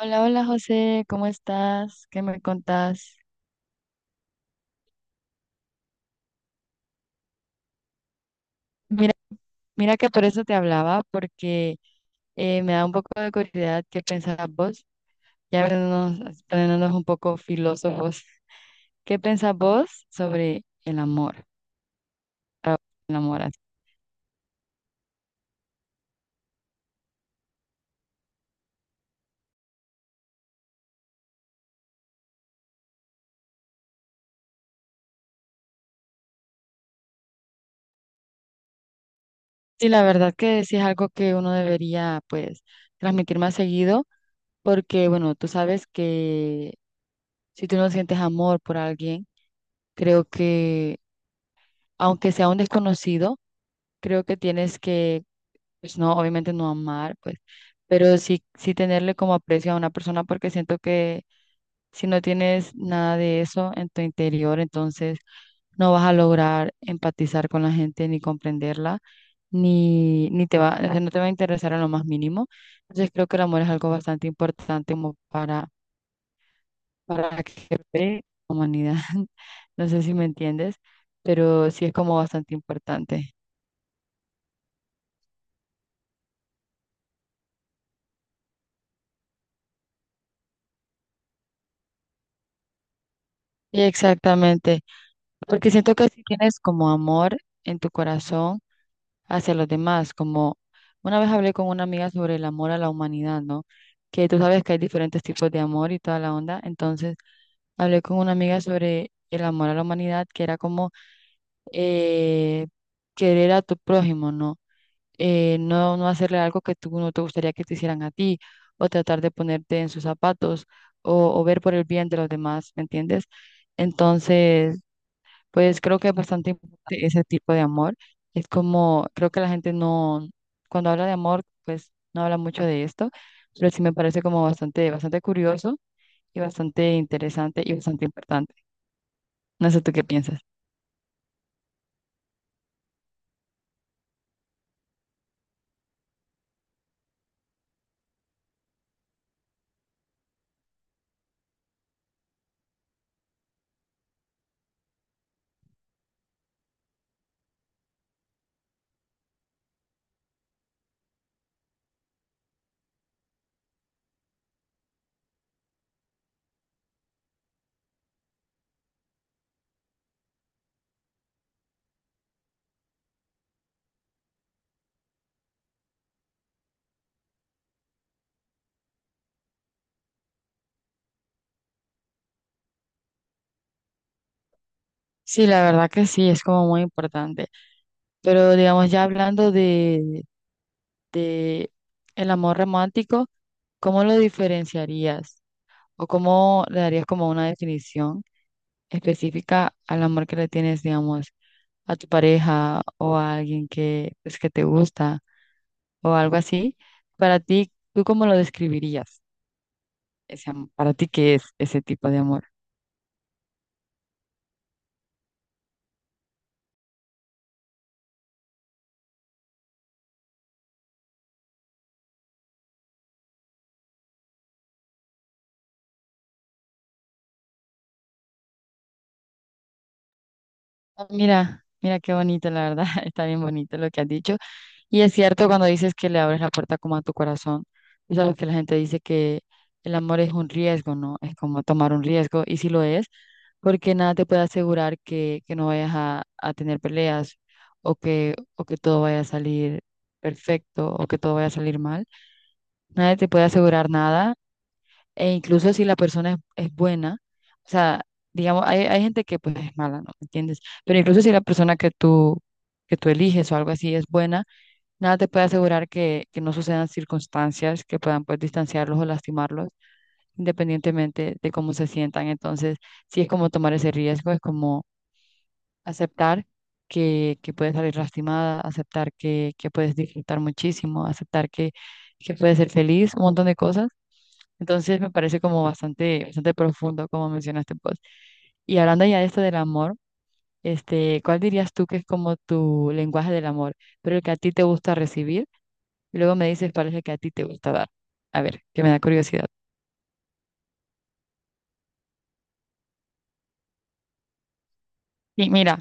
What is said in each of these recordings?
Hola, hola José, ¿cómo estás? ¿Qué me contás? Mira, que por eso te hablaba, porque me da un poco de curiosidad qué pensás vos, ya poniéndonos un poco filósofos. ¿Qué pensás vos sobre el amor? Para vos, el amor así. Sí, la verdad que sí, es algo que uno debería pues transmitir más seguido, porque bueno, tú sabes que si tú no sientes amor por alguien, creo que aunque sea un desconocido, creo que tienes que pues no, obviamente no amar, pues, pero sí, sí tenerle como aprecio a una persona, porque siento que si no tienes nada de eso en tu interior, entonces no vas a lograr empatizar con la gente ni comprenderla, ni te va, o sea, no te va a interesar en lo más mínimo. Entonces creo que el amor es algo bastante importante como para que la humanidad. No sé si me entiendes, pero sí es como bastante importante. Y exactamente. Porque siento que si tienes como amor en tu corazón hacia los demás, como una vez hablé con una amiga sobre el amor a la humanidad, ¿no? Que tú sabes que hay diferentes tipos de amor y toda la onda. Entonces, hablé con una amiga sobre el amor a la humanidad, que era como eh, querer a tu prójimo, ¿no? No hacerle algo que tú no te gustaría que te hicieran a ti, o tratar de ponerte en sus zapatos, o ver por el bien de los demás, ¿me entiendes? Entonces, pues creo que es bastante importante ese tipo de amor. Es como, creo que la gente no, cuando habla de amor, pues no habla mucho de esto, pero sí me parece como bastante curioso y bastante interesante y bastante importante. No sé tú qué piensas. Sí, la verdad que sí, es como muy importante. Pero digamos, ya hablando de el amor romántico, ¿cómo lo diferenciarías? ¿O cómo le darías como una definición específica al amor que le tienes, digamos, a tu pareja o a alguien que, pues, que te gusta o algo así? Para ti, ¿tú cómo lo describirías? Ese, am- para ti, ¿qué es ese tipo de amor? Ah, mira, qué bonito, la verdad, está bien bonito lo que has dicho. Y es cierto cuando dices que le abres la puerta como a tu corazón. Tú sabes que la gente dice que el amor es un riesgo, ¿no? Es como tomar un riesgo, y sí lo es, porque nada te puede asegurar que no vayas a tener peleas o que todo vaya a salir perfecto o que todo vaya a salir mal. Nadie te puede asegurar nada, e incluso si la persona es buena, o sea, digamos, hay gente que pues es mala, ¿no? ¿Me entiendes? Pero incluso si la persona que tú eliges o algo así es buena, nada te puede asegurar que no sucedan circunstancias que puedan pues distanciarlos o lastimarlos, independientemente de cómo se sientan. Entonces, sí es como tomar ese riesgo, es como aceptar que puedes salir lastimada, aceptar que puedes disfrutar muchísimo, aceptar que puedes ser feliz, un montón de cosas. Entonces, me parece como bastante profundo, como mencionaste, pues. Y hablando ya de esto del amor. Este, ¿cuál dirías tú que es como tu lenguaje del amor, pero el que a ti te gusta recibir? Y luego me dices cuál es el que a ti te gusta dar. A ver, que me da curiosidad. Y mira,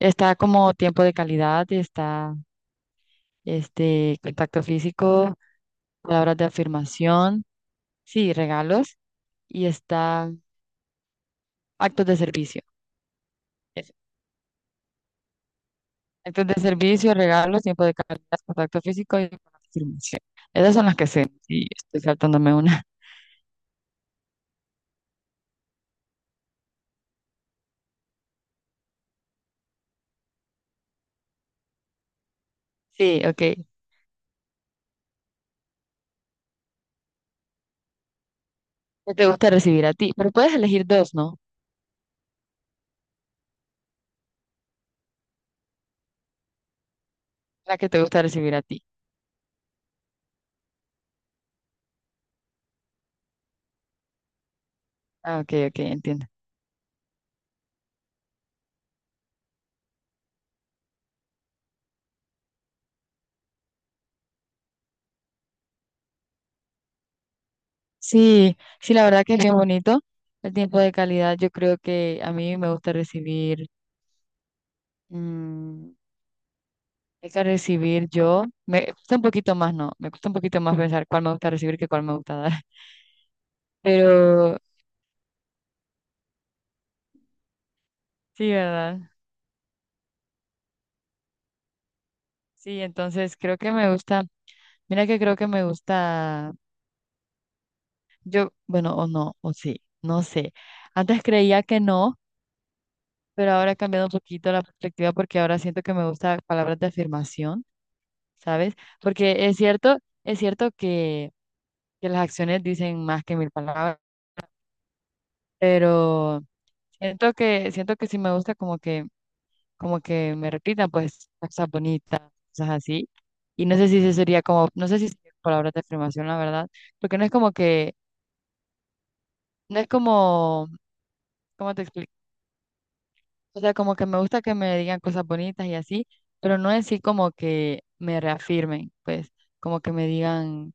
está como tiempo de calidad, está este contacto físico, palabras de afirmación, sí, regalos y está actos de servicio. Eso. Actos de servicio, regalos, tiempo de calidad, contacto físico y afirmación. Esas son las que sé. Sí, estoy saltándome una. Sí, ok. Que te gusta recibir a ti, pero puedes elegir dos, ¿no? La que te gusta recibir a ti. Ah, ok, ok, entiendo. Sí, sí, la verdad que es bien bonito. El tiempo de calidad, yo creo que a mí me gusta recibir, mm, hay que recibir yo, me cuesta un poquito más, ¿no? Me cuesta un poquito más pensar cuál me gusta recibir que cuál me gusta dar. Pero sí, ¿verdad? Sí, entonces creo que me gusta, mira que creo que me gusta, yo, bueno, o no, o sí, no sé. Antes creía que no, pero ahora he cambiado un poquito la perspectiva, porque ahora siento que me gusta palabras de afirmación, ¿sabes? Porque es cierto, es cierto que, que las acciones dicen más que mil palabras, pero siento que sí me gusta como que me repitan pues cosas bonitas, cosas así. Y no sé si eso sería como, no sé si sería palabras de afirmación, la verdad, porque no es como que, no es como, ¿cómo te explico? O sea, como que me gusta que me digan cosas bonitas y así, pero no en sí como que me reafirmen, pues, como que me digan,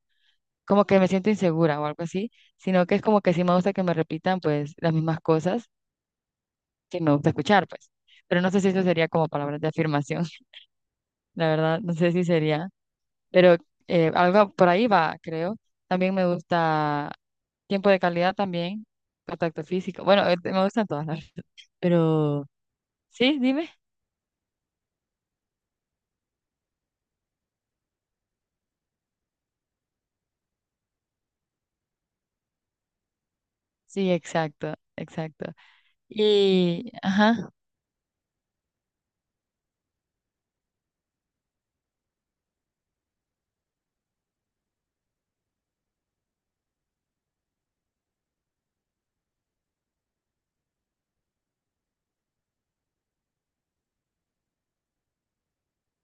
como que me siento insegura o algo así, sino que es como que sí me gusta que me repitan, pues, las mismas cosas que me gusta escuchar, pues. Pero no sé si eso sería como palabras de afirmación, la verdad, no sé si sería, pero algo por ahí va, creo. También me gusta tiempo de calidad también, contacto físico. Bueno, me gustan todas las, pero sí, dime. Sí, exacto, exacto. Y, ajá,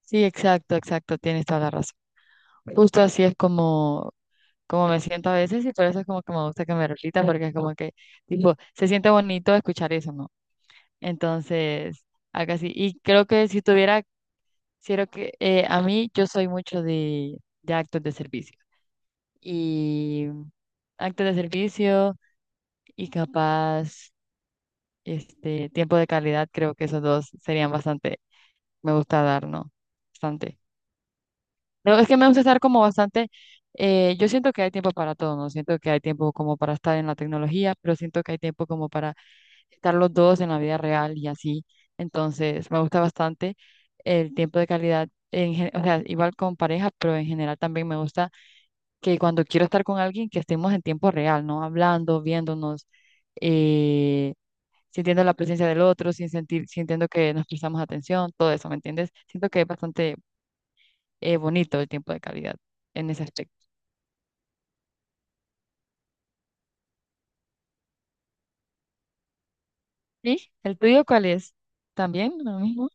sí, exacto, exacto, tienes toda la razón. Justo así es como, como me siento a veces y por eso es como que me gusta que me repita, porque es como que, tipo, se siente bonito escuchar eso, ¿no? Entonces, acá sí. Y creo que si tuviera, creo que a mí yo soy mucho de actos de servicio y actos de servicio y capaz, este, tiempo de calidad, creo que esos dos serían bastante, me gusta dar, ¿no? Bastante. No, es que me gusta estar como bastante, yo siento que hay tiempo para todo, ¿no? Siento que hay tiempo como para estar en la tecnología, pero siento que hay tiempo como para estar los dos en la vida real y así. Entonces, me gusta bastante el tiempo de calidad, en, gen- o sea, igual con pareja, pero en general también me gusta que cuando quiero estar con alguien, que estemos en tiempo real, ¿no? Hablando, viéndonos, eh, sintiendo la presencia del otro, sin sentir, sintiendo que nos prestamos atención, todo eso, ¿me entiendes? Siento que es bastante bonito el tiempo de calidad en ese aspecto. ¿Y el tuyo cuál es? ¿También lo mismo?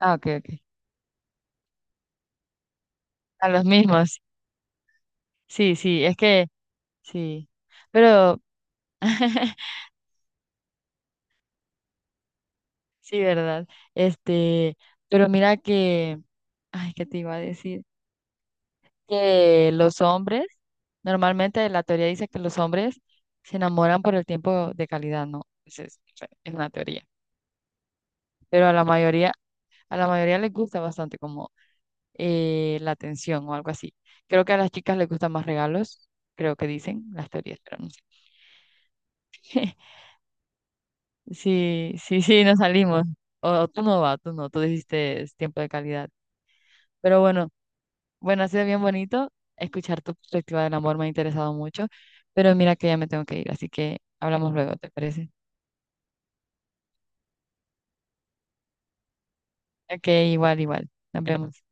Ah, ok, ok. A los mismos. Sí, sí, es que sí. Pero, sí, ¿verdad? Este, pero mira que, ay, ¿qué te iba a decir? Que los hombres, normalmente la teoría dice que los hombres se enamoran por el tiempo de calidad, ¿no? Esa es, o sea, es una teoría. Pero a la mayoría, les gusta bastante como la atención o algo así. Creo que a las chicas les gustan más regalos, creo que dicen las teorías, pero no sé. Sí, sí, sí, nos salimos. O tú no vas, tú no, tú dijiste es tiempo de calidad. Pero bueno, bueno, ha sido bien bonito escuchar tu perspectiva del amor, me ha interesado mucho, pero mira que ya me tengo que ir, así que hablamos luego, ¿te parece? Ok, igual, igual. Nos vemos.